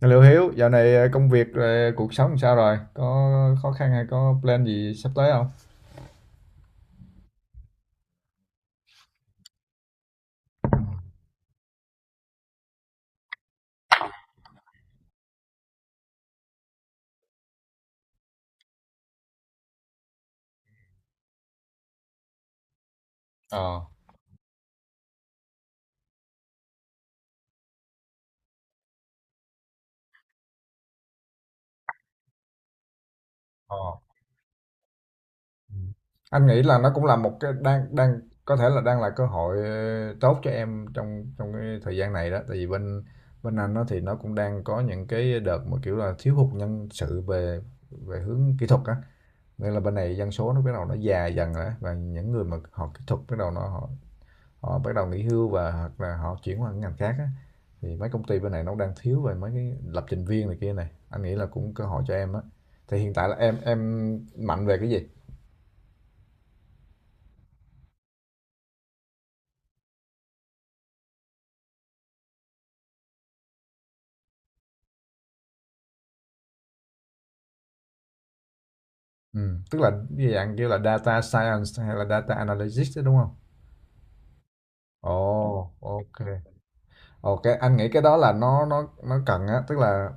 Liệu Hiếu, dạo này công việc, cuộc sống làm sao rồi? Có khó khăn hay có plan gì sắp tới không? Ờ, ờ. Ừ. Anh nghĩ là nó cũng là một cái đang đang có thể là đang là cơ hội tốt cho em trong trong cái thời gian này đó. Tại vì bên bên anh nó thì nó cũng đang có những cái đợt mà kiểu là thiếu hụt nhân sự về về hướng kỹ thuật á. Nên là bên này dân số nó bắt đầu nó già dần rồi á, và những người mà họ kỹ thuật bắt đầu nó họ Họ bắt đầu nghỉ hưu và hoặc là họ chuyển qua ngành khác á, thì mấy công ty bên này nó đang thiếu về mấy cái lập trình viên này kia này. Anh nghĩ là cũng cơ hội cho em á. Thì hiện tại là em mạnh về cái gì? Ừ, tức là cái dạng kiểu là data science hay là data analytics đó đúng không? Ồ, ok. Ok, anh nghĩ cái đó là nó cần á, tức là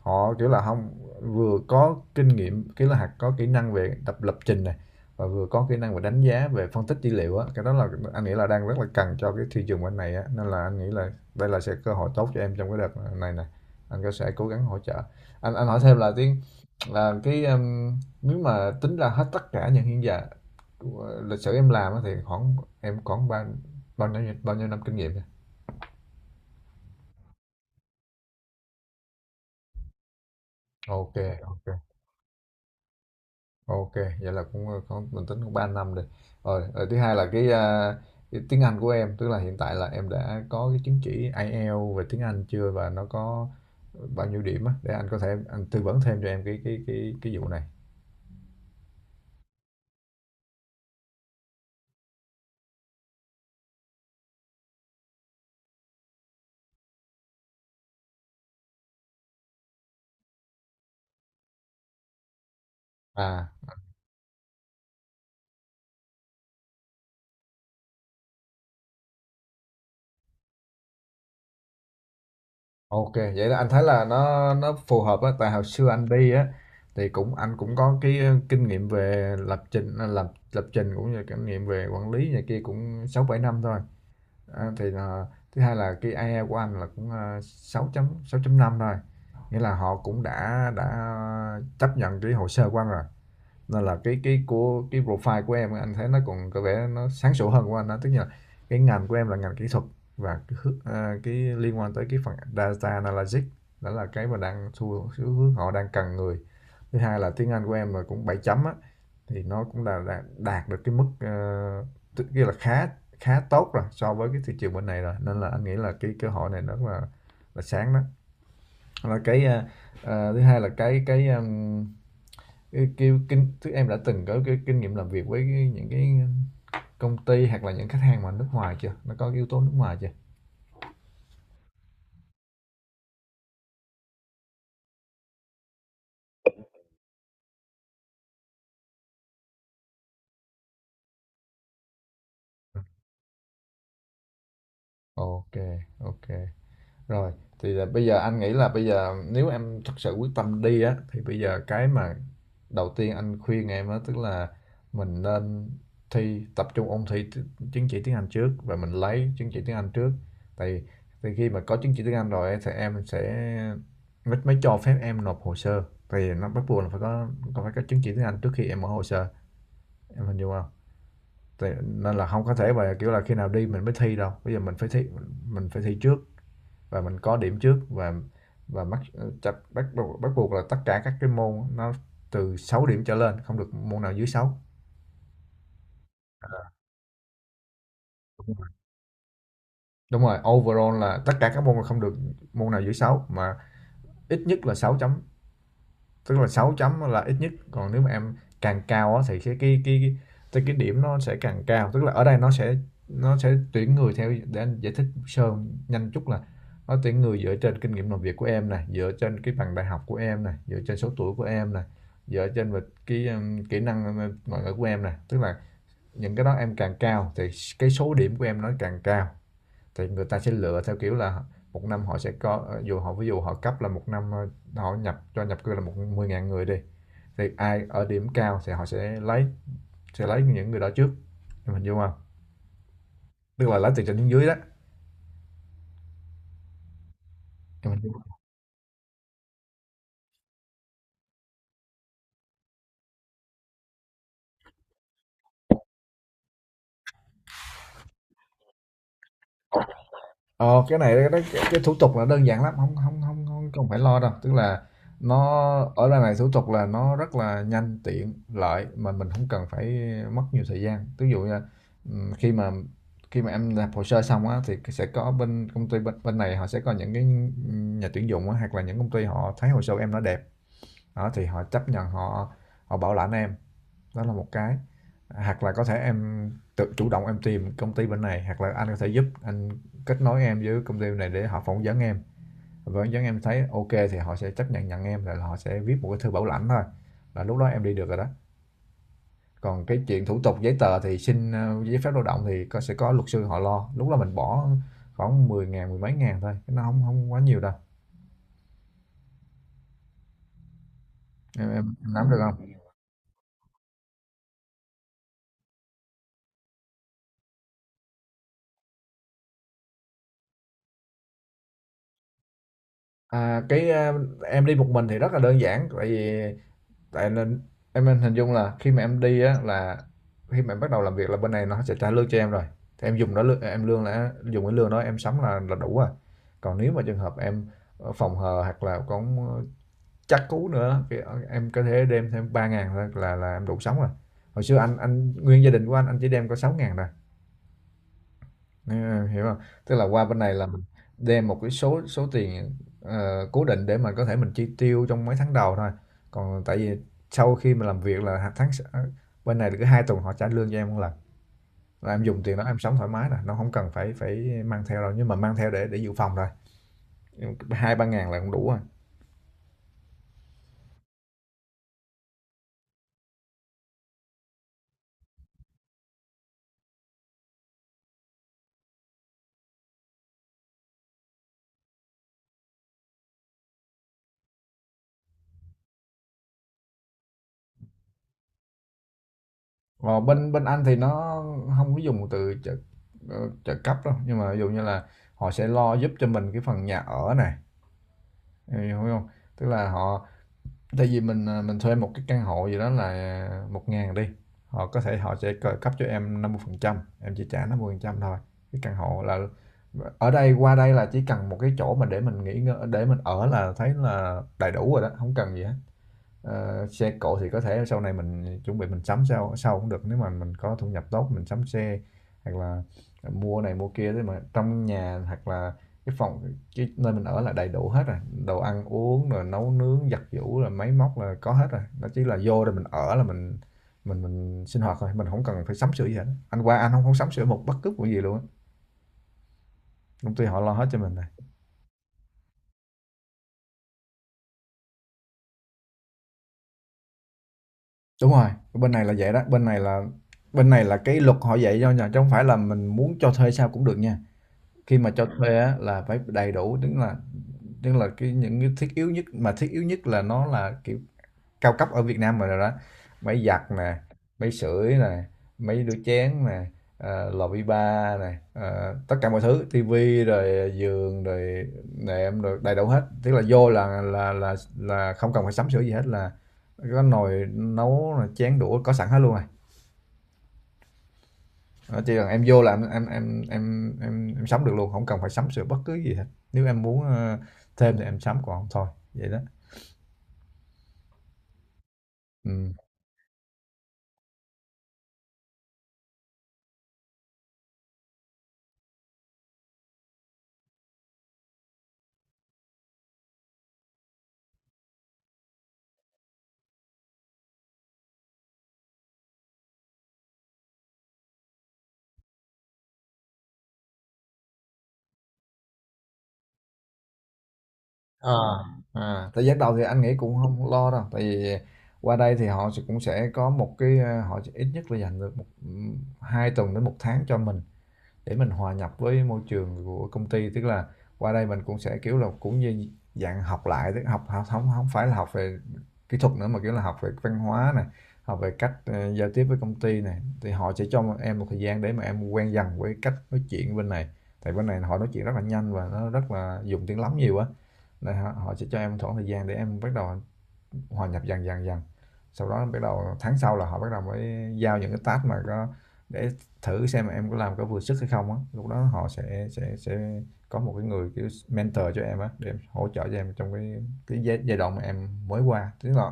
họ kiểu là không vừa có kinh nghiệm, kiểu là, hạt có kỹ năng về tập lập trình này, và vừa có kỹ năng về đánh giá, về phân tích dữ liệu á. Cái đó là anh nghĩ là đang rất là cần cho cái thị trường bên này á, nên là anh nghĩ là đây là sẽ cơ hội tốt cho em trong cái đợt này này anh có sẽ cố gắng hỗ trợ. Anh hỏi thêm là cái, nếu mà tính ra hết tất cả những hiện giờ của lịch sử em làm á thì khoảng em khoảng bao bao nhiêu năm kinh nghiệm nhỉ? Ok, ok. OK, vậy là cũng, có mình tính cũng 3 năm rồi. Rồi, rồi thứ hai là cái, cái tiếng Anh của em, tức là hiện tại là em đã có cái chứng chỉ IELTS về tiếng Anh chưa và nó có bao nhiêu điểm á, để anh có thể tư vấn thêm cho em cái vụ này. À, OK, vậy là anh thấy là nó phù hợp á, tại hồi xưa anh đi á thì cũng anh cũng có cái, kinh nghiệm về lập trình, à, lập lập trình cũng như kinh nghiệm về quản lý này kia cũng 6 7 năm thôi. Đó, thì là thứ hai là cái IELTS của anh là cũng 6 chấm năm 5 thôi. Nghĩa là họ cũng đã chấp nhận cái hồ sơ của anh rồi. Nên là cái của cái profile của em anh thấy nó còn có vẻ nó sáng sủa hơn của anh đó, tức là cái ngành của em là ngành kỹ thuật và cái, cái liên quan tới cái phần data analytics đó là cái mà đang xu hướng họ đang cần người. Thứ hai là tiếng Anh của em là cũng 7,0 á thì nó cũng là đạt được cái mức kia là khá khá tốt rồi so với cái thị trường bên này rồi nên là anh nghĩ là cái cơ hội này nó là sáng đó, là cái thứ hai là cái, thứ em đã từng có cái kinh nghiệm làm việc với cái, những cái công ty hoặc là những khách hàng mà nước ngoài chưa, nó có cái yếu tố nước ngoài chưa? Ok, ok. Rồi, thì là bây giờ anh nghĩ là bây giờ nếu em thật sự quyết tâm đi á thì bây giờ cái mà đầu tiên anh khuyên em á tức là mình nên tập trung ôn thi chứng chỉ tiếng Anh trước và mình lấy chứng chỉ tiếng Anh trước. Tại thì khi mà có chứng chỉ tiếng Anh rồi ấy, thì em sẽ mới cho phép em nộp hồ sơ. Thì nó bắt buộc là phải có còn phải có chứng chỉ tiếng Anh trước khi em mở hồ sơ. Em hình dung không? Thì, nên là không có thể mà kiểu là khi nào đi mình mới thi đâu. Bây giờ mình phải thi, trước và mình có điểm trước, và mắc chặt bắt buộc là tất cả các cái môn nó từ 6 điểm trở lên, không được môn nào dưới sáu. Đúng rồi. Overall là tất cả các môn là không được môn nào dưới 6 mà ít nhất là 6,5. Tức là 6,0 là ít nhất, còn nếu mà em càng cao thì cái điểm nó sẽ càng cao. Tức là ở đây nó sẽ tuyển người theo, để anh giải thích sơ nhanh chút là nó tuyển người dựa trên kinh nghiệm làm việc của em này, dựa trên cái bằng đại học của em này, dựa trên số tuổi của em này, dựa trên về cái kỹ năng ngoại ngữ của em này. Tức là những cái đó em càng cao thì cái số điểm của em nó càng cao. Thì người ta sẽ lựa theo kiểu là một năm họ sẽ có, dù họ ví dụ họ cấp là một năm họ nhập cư là 10.000 người đi thì ai ở điểm cao thì họ sẽ lấy, những người đó trước, em hình dung không, tức là lấy từ trên xuống dưới đó, em hình dung không? Ờ cái này cái thủ tục là đơn giản lắm, không không không không không phải lo đâu, tức là nó ở đây này thủ tục là nó rất là nhanh tiện lợi mà mình không cần phải mất nhiều thời gian, ví dụ như khi mà em làm hồ sơ xong á thì sẽ có bên công ty bên này họ sẽ có những cái nhà tuyển dụng á, hoặc là những công ty họ thấy hồ sơ em nó đẹp đó thì họ chấp nhận, họ họ bảo lãnh em. Đó là một cái, hoặc là có thể em tự chủ động tìm công ty bên này, hoặc là anh có thể giúp kết nối em với công ty bên này để họ phỏng vấn em. Phỏng vấn em thấy OK thì họ sẽ chấp nhận nhận em, rồi họ sẽ viết một cái thư bảo lãnh thôi. Là lúc đó em đi được rồi đó. Còn cái chuyện thủ tục giấy tờ thì xin giấy phép lao động thì sẽ có luật sư họ lo. Lúc đó mình bỏ khoảng 10.000, mười mấy ngàn thôi, nó không không quá nhiều đâu. Em, em, em nắm được không? À, em đi một mình thì rất là đơn giản, tại nên em nên hình dung là khi mà em đi á là khi mà em bắt đầu làm việc là bên này nó sẽ trả lương cho em rồi, thì dùng cái lương đó em sắm là đủ rồi, còn nếu mà trường hợp em phòng hờ hoặc là còn chắc cú nữa thì em có thể đem thêm 3.000 là em đủ sống rồi. Hồi xưa anh nguyên gia đình của anh chỉ đem có 6.000 thôi. Ừ, em hiểu không? Tức là qua bên này là mình đem một cái số số tiền cố định để mà có thể mình chi tiêu trong mấy tháng đầu thôi. Còn tại vì sau khi mà làm việc là hạt tháng bên này là cứ 2 tuần họ trả lương cho em một lần, là em dùng tiền đó em sống thoải mái rồi, nó không cần phải phải mang theo đâu, nhưng mà mang theo để dự phòng rồi. Hai ba ngàn là cũng đủ rồi. Còn bên bên anh thì nó không có dùng từ ờ, trợ cấp đâu, nhưng mà ví dụ như là họ sẽ lo giúp cho mình cái phần nhà ở này, em hiểu không? Tức là họ, tại vì mình à, mình thuê một cái căn hộ gì đó là 1.000 đi, họ có thể họ sẽ cấp cho em 50%, em chỉ trả 50% phần trăm thôi. Cái căn hộ là, ở đây qua đây là chỉ cần một cái chỗ mà để mình nghỉ ngơi để mình ở là thấy là đầy đủ rồi đó, không cần gì hết. Xe cộ thì có thể sau này mình chuẩn bị mình sắm sau sau cũng được, nếu mà mình có thu nhập tốt mình sắm xe, hoặc là mua này mua kia thế mà trong nhà, hoặc là cái phòng, cái nơi mình ở là đầy đủ hết rồi. Đồ ăn uống rồi nấu nướng giặt giũ rồi máy móc là có hết rồi, nó chỉ là vô rồi mình ở là mình sinh hoạt thôi, mình không cần phải sắm sửa gì hết. Anh qua anh không không sắm sửa một bất cứ một gì luôn á, công ty họ lo hết cho mình này. Đúng rồi, bên này là vậy đó. Bên này là cái luật họ dạy cho nhà, chứ không phải là mình muốn cho thuê sao cũng được nha. Khi mà cho thuê á, là phải đầy đủ, tức là cái những cái thiết yếu nhất, mà thiết yếu nhất là nó là kiểu cao cấp ở Việt Nam rồi đó. Máy giặt nè, máy sưởi nè, máy đũa chén nè, lò vi ba nè, tất cả mọi thứ, tivi rồi, giường rồi, nệm rồi, đầy đủ hết, tức là vô là không cần phải sắm sửa gì hết, là có nồi nấu chén đũa có sẵn hết luôn à. Đó, chỉ cần em vô là em sắm được luôn, không cần phải sắm sửa bất cứ gì hết. Nếu em muốn thêm thì em sắm, còn không thôi, vậy đó. Ừ. Ờ, Thời gian đầu thì anh nghĩ cũng không lo đâu, tại vì qua đây thì cũng sẽ có một cái, họ sẽ ít nhất là dành được 2 tuần đến một tháng cho mình, để mình hòa nhập với môi trường của công ty. Tức là qua đây mình cũng sẽ kiểu là cũng như dạng học lại, tức học học không không phải là học về kỹ thuật nữa, mà kiểu là học về văn hóa này, học về cách giao tiếp với công ty này. Thì họ sẽ cho em một thời gian để mà em quen dần với cách nói chuyện bên này, tại bên này họ nói chuyện rất là nhanh và nó rất là dùng tiếng lóng nhiều á, nên họ họ sẽ cho em một khoảng thời gian để em bắt đầu hòa nhập dần dần dần. Sau đó bắt đầu tháng sau là họ bắt đầu mới giao những cái task mà có, để thử xem em có làm có vừa sức hay không á, lúc đó họ sẽ có một cái người kiểu mentor cho em á, để em hỗ trợ cho em trong cái giai đoạn mà em mới qua. Tức là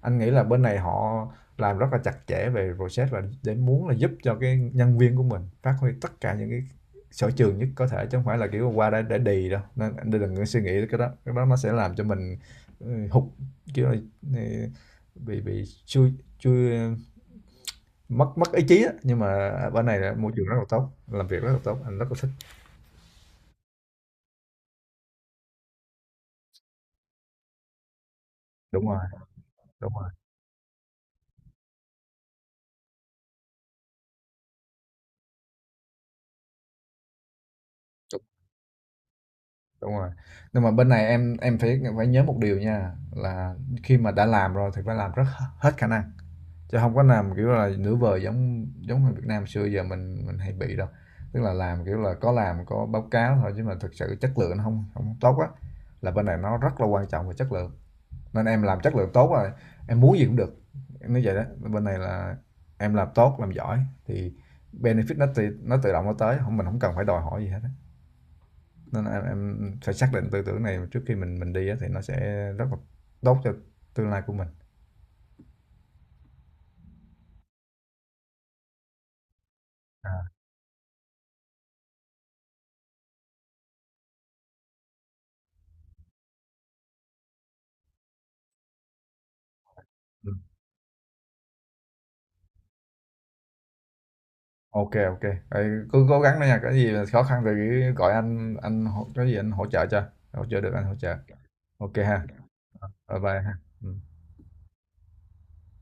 anh nghĩ là bên này họ làm rất là chặt chẽ về process, và để muốn là giúp cho cái nhân viên của mình phát huy tất cả những cái sở trường nhất có thể, chứ không phải là kiểu qua đây để đì đâu. Nên anh đừng có suy nghĩ cái đó, nó sẽ làm cho mình hụt, kiểu là, ừ, bị chui chui mất mất ý chí á, nhưng mà bên này là môi trường rất là tốt, làm việc rất là tốt, anh rất là thích. Đúng rồi, đúng rồi. Đúng. Đúng rồi. Nhưng mà bên này em phải phải nhớ một điều nha, là khi mà đã làm rồi thì phải làm rất hết khả năng. Chứ không có làm, kiểu là, nửa vời, giống giống người Việt Nam xưa giờ mình hay bị đâu. Tức là làm, kiểu là, có làm có báo cáo thôi, chứ mà thực sự chất lượng nó không tốt á, là bên này nó rất là quan trọng về chất lượng. Nên em làm chất lượng tốt rồi, em muốn gì cũng được, em nói vậy đó. Bên này là em làm tốt, làm giỏi thì benefit nó tự động nó tới, không, mình không cần phải đòi hỏi gì hết á. Nên em phải xác định tư tưởng này trước khi mình đi á, thì nó sẽ rất là tốt cho tương lai của mình. OK, ok. Vậy, cứ cố gắng đó nha, có gì khó khăn thì cứ gọi anh, có gì anh hỗ trợ cho, hỗ trợ được anh hỗ trợ. OK ha, bye bye ha. Ừ.